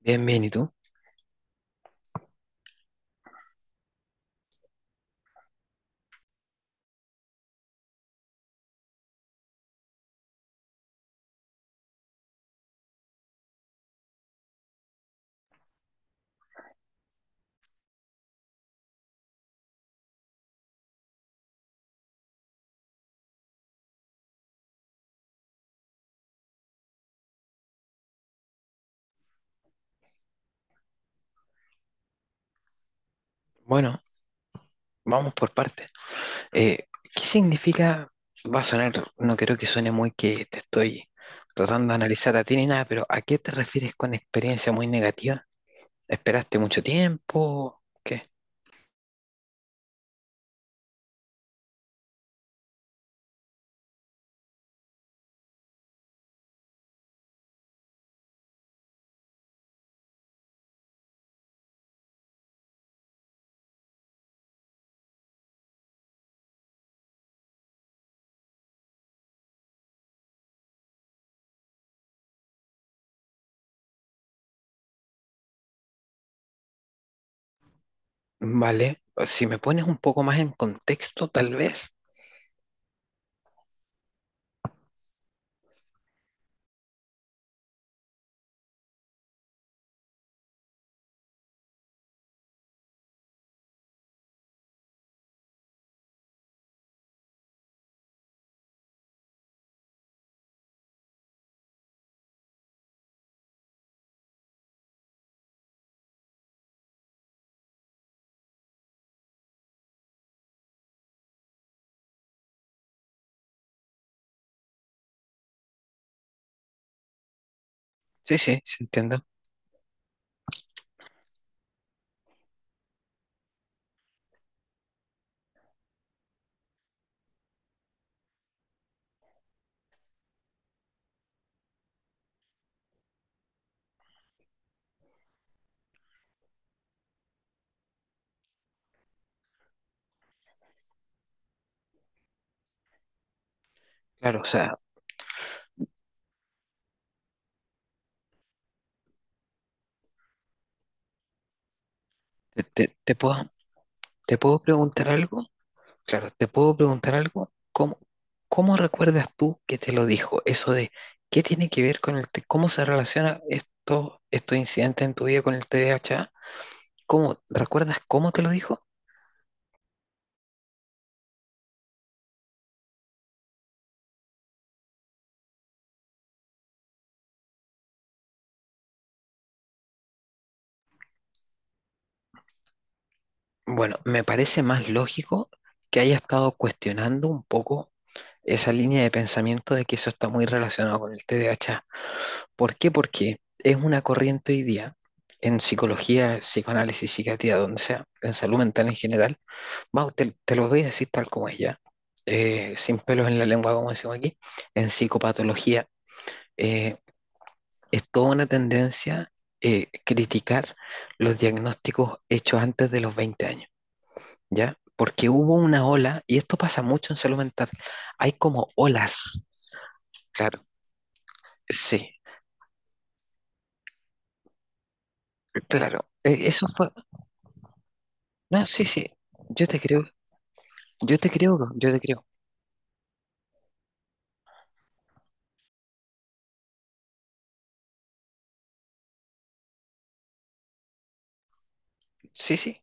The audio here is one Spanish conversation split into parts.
Bien, bien, ¿y tú? Bueno, vamos por partes. Eh, ¿qué significa? Va a sonar, no creo que suene muy que te estoy tratando de analizar a ti ni nada, pero ¿a qué te refieres con experiencia muy negativa? ¿Esperaste mucho tiempo? ¿Qué? Vale, si me pones un poco más en contexto, tal vez. Sí, sí, sí, entiendo. Claro, o sea, te, te- te puedo, te puedo preguntar algo. Claro, te puedo preguntar algo. ¿Cómo recuerdas tú que te lo dijo? Eso de qué tiene que ver con el T- cómo se relaciona estos incidentes en tu vida con el TDAH. ¿Cómo recuerdas cómo te lo dijo? Bueno, me parece más lógico que haya estado cuestionando un poco esa línea de pensamiento de que eso está muy relacionado con el TDAH. ¿Por qué? Porque es una corriente hoy día en psicología, psicoanálisis, psiquiatría, donde sea, en salud mental en general. Mau, te lo voy a decir tal como es ya, sin pelos en la lengua, como decimos aquí, en psicopatología. eh, es toda una tendencia criticar los diagnósticos hechos antes de los 20 años, ¿ya? Porque hubo una ola, y esto pasa mucho en salud mental, hay como olas, claro, sí, claro. Eso fue, no, sí, sí, yo te creo, yo te creo, yo te creo, sí, sí,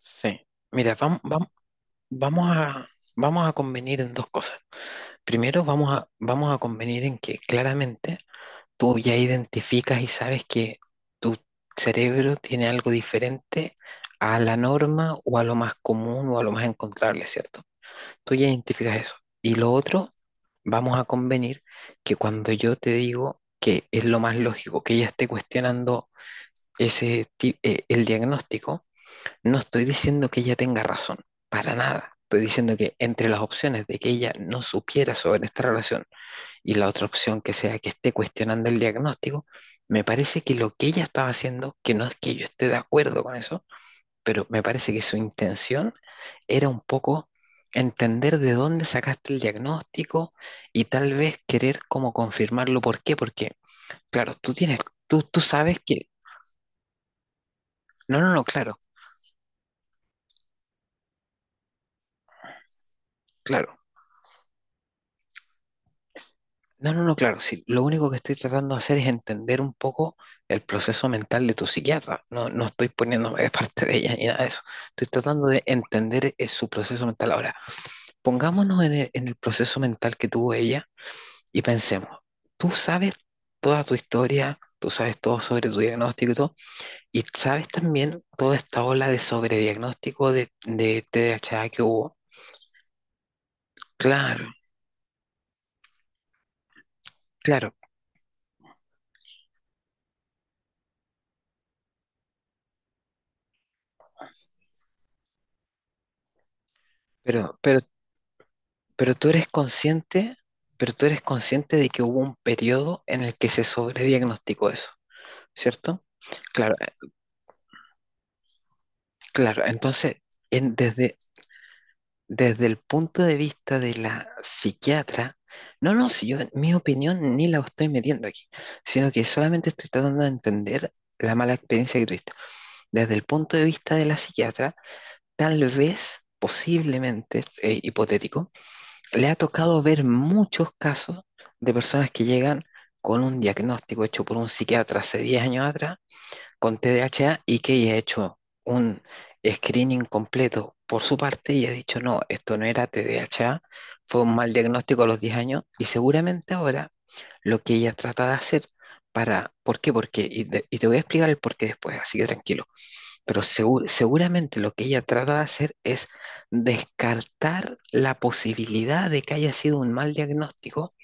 sí. Mira, vamos a, vamos a convenir en dos cosas. Primero vamos a convenir en que claramente tú ya identificas y sabes que tu cerebro tiene algo diferente a la norma o a lo más común o a lo más encontrable, ¿cierto? Tú ya identificas eso. Y lo otro, vamos a convenir que cuando yo te digo que es lo más lógico que ella esté cuestionando el diagnóstico, no estoy diciendo que ella tenga razón, para nada. Estoy diciendo que entre las opciones de que ella no supiera sobre esta relación, y la otra opción que sea que esté cuestionando el diagnóstico, me parece que lo que ella estaba haciendo, que no es que yo esté de acuerdo con eso, pero me parece que su intención era un poco entender de dónde sacaste el diagnóstico y tal vez querer como confirmarlo. ¿Por qué? Porque, claro, tú sabes que, no, no, no, claro, claro, no, no, no, claro, sí. Lo único que estoy tratando de hacer es entender un poco el proceso mental de tu psiquiatra. No, no estoy poniéndome de parte de ella ni nada de eso. Estoy tratando de entender su proceso mental. Ahora, pongámonos en el proceso mental que tuvo ella y pensemos, tú sabes toda tu historia, tú sabes todo sobre tu diagnóstico y todo, y sabes también toda esta ola de sobrediagnóstico de TDAH que hubo. Claro, claro, pero, pero Pero tú eres consciente, pero tú eres consciente de que hubo un periodo en el que se sobrediagnosticó eso, ¿cierto? Claro, claro. Entonces, en- desde, desde el punto de vista de la psiquiatra, no, no, mi opinión ni la estoy metiendo aquí, sino que solamente estoy tratando de entender la mala experiencia que tuviste. Desde el punto de vista de la psiquiatra, tal vez, posiblemente, hipotético, le ha tocado ver muchos casos de personas que llegan con un diagnóstico hecho por un psiquiatra hace 10 años atrás con TDAH y que ella ha hecho un screening completo por su parte y ha dicho, no, esto no era TDAH, fue un mal diagnóstico a los 10 años y seguramente ahora lo que ella trata de hacer para, ¿por qué? Porque, y te voy a explicar el por qué después, así que tranquilo. Pero seguramente lo que ella trata de hacer es descartar la posibilidad de que haya sido un mal diagnóstico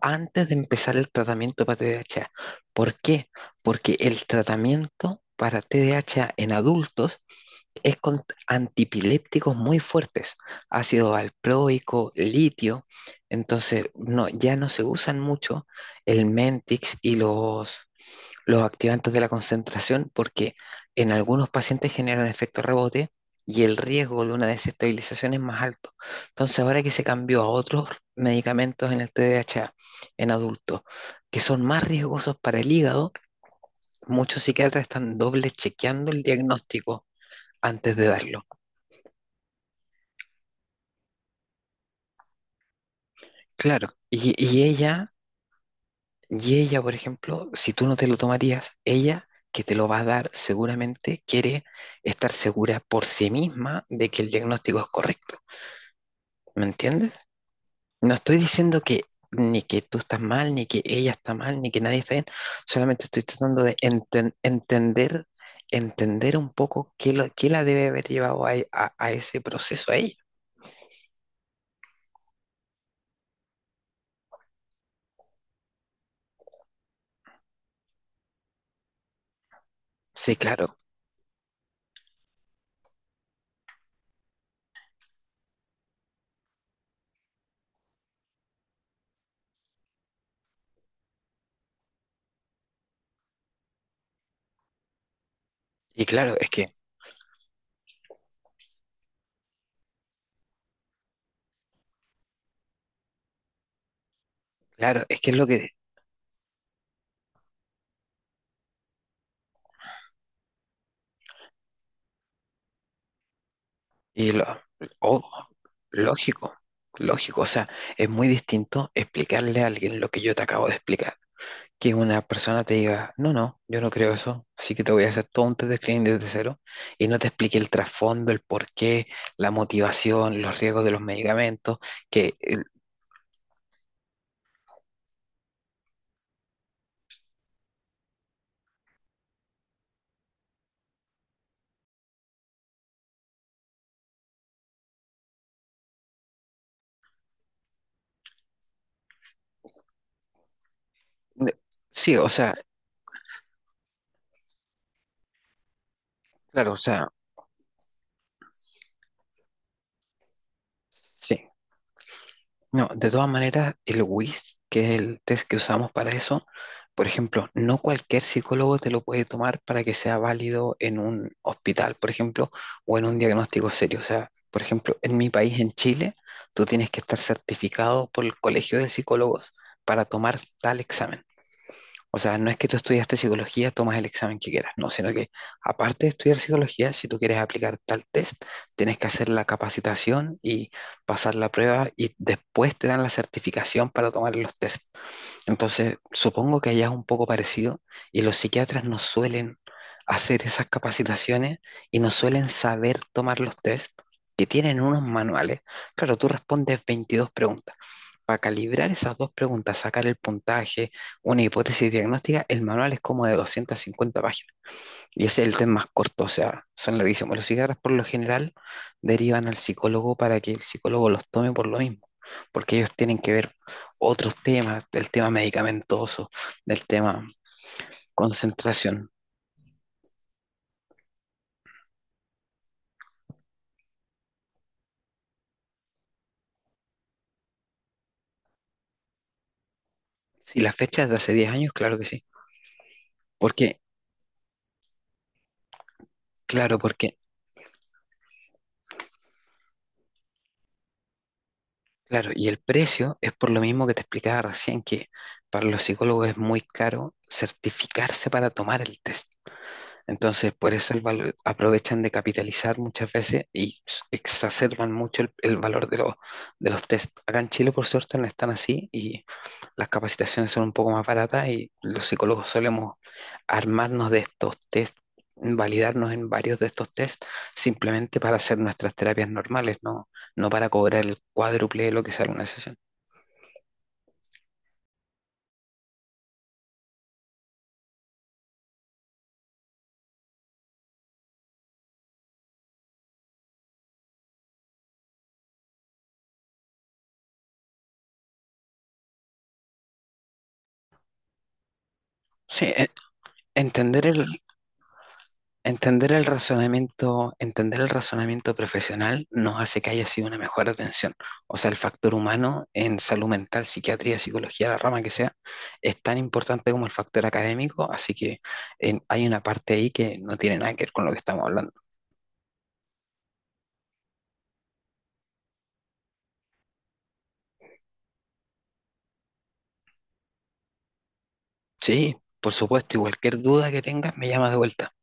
antes de empezar el tratamiento para TDAH. ¿Por qué? Porque el tratamiento para TDAH en adultos es con antipilépticos muy fuertes, ácido valproico, litio. Entonces, no, ya no se usan mucho el Mentix y los activantes de la concentración porque en algunos pacientes generan efecto rebote y el riesgo de una desestabilización es más alto. Entonces, ahora que se cambió a otros medicamentos en el TDAH en adultos que son más riesgosos para el hígado, muchos psiquiatras están doble chequeando el diagnóstico antes de darlo. Claro, y ella, por ejemplo, si tú no te lo tomarías, ella que te lo va a dar seguramente quiere estar segura por sí misma de que el diagnóstico es correcto. ¿Me entiendes? No estoy diciendo que ni que tú estás mal, ni que ella está mal, ni que nadie está bien. Solamente estoy tratando de entender, entender un poco qué la debe haber llevado a ese proceso a ella. Sí, claro. Y claro, es que es lo que, Y lo, oh, lógico, lógico. O sea, es muy distinto explicarle a alguien lo que yo te acabo de explicar. Que una persona te diga, no, no, yo no creo eso, así que te voy a hacer todo un test de screening desde cero y no te explique el trasfondo, el porqué, la motivación, los riesgos de los medicamentos. que el- sí, o sea, claro, o sea, sí. No, de todas maneras, el WIS, que es el test que usamos para eso, por ejemplo, no cualquier psicólogo te lo puede tomar para que sea válido en un hospital, por ejemplo, o en un diagnóstico serio. O sea, por ejemplo, en mi país, en Chile, tú tienes que estar certificado por el Colegio de Psicólogos para tomar tal examen. O sea, no es que tú estudiaste psicología, tomas el examen que quieras, no, sino que aparte de estudiar psicología, si tú quieres aplicar tal test, tienes que hacer la capacitación y pasar la prueba y después te dan la certificación para tomar los test. Entonces, supongo que allá es un poco parecido y los psiquiatras no suelen hacer esas capacitaciones y no suelen saber tomar los test que tienen unos manuales. Claro, tú respondes 22 preguntas. Para calibrar esas dos preguntas, sacar el puntaje, una hipótesis diagnóstica, el manual es como de 250 páginas. Y ese es el tema más corto, o sea, son larguísimos. Los psiquiatras por lo general derivan al psicólogo para que el psicólogo los tome por lo mismo, porque ellos tienen que ver otros temas, del tema medicamentoso, del tema concentración. Si la fecha es de hace 10 años, claro que sí. Porque, claro, porque, claro, y el precio es por lo mismo que te explicaba recién, que para los psicólogos es muy caro certificarse para tomar el test. Entonces, por eso el valor, aprovechan de capitalizar muchas veces y exacerban mucho el valor de los test. Acá en Chile, por suerte, no están así y las capacitaciones son un poco más baratas y los psicólogos solemos armarnos de estos test, validarnos en varios de estos test, simplemente para hacer nuestras terapias normales, no, no para cobrar el cuádruple de lo que sale una sesión. Sí, entender el, entender el razonamiento profesional nos hace que haya sido una mejor atención. O sea, el factor humano en salud mental, psiquiatría, psicología, la rama que sea, es tan importante como el factor académico, así que hay una parte ahí que no tiene nada que ver con lo que estamos hablando. Sí, por supuesto, y cualquier duda que tengas me llamas de vuelta.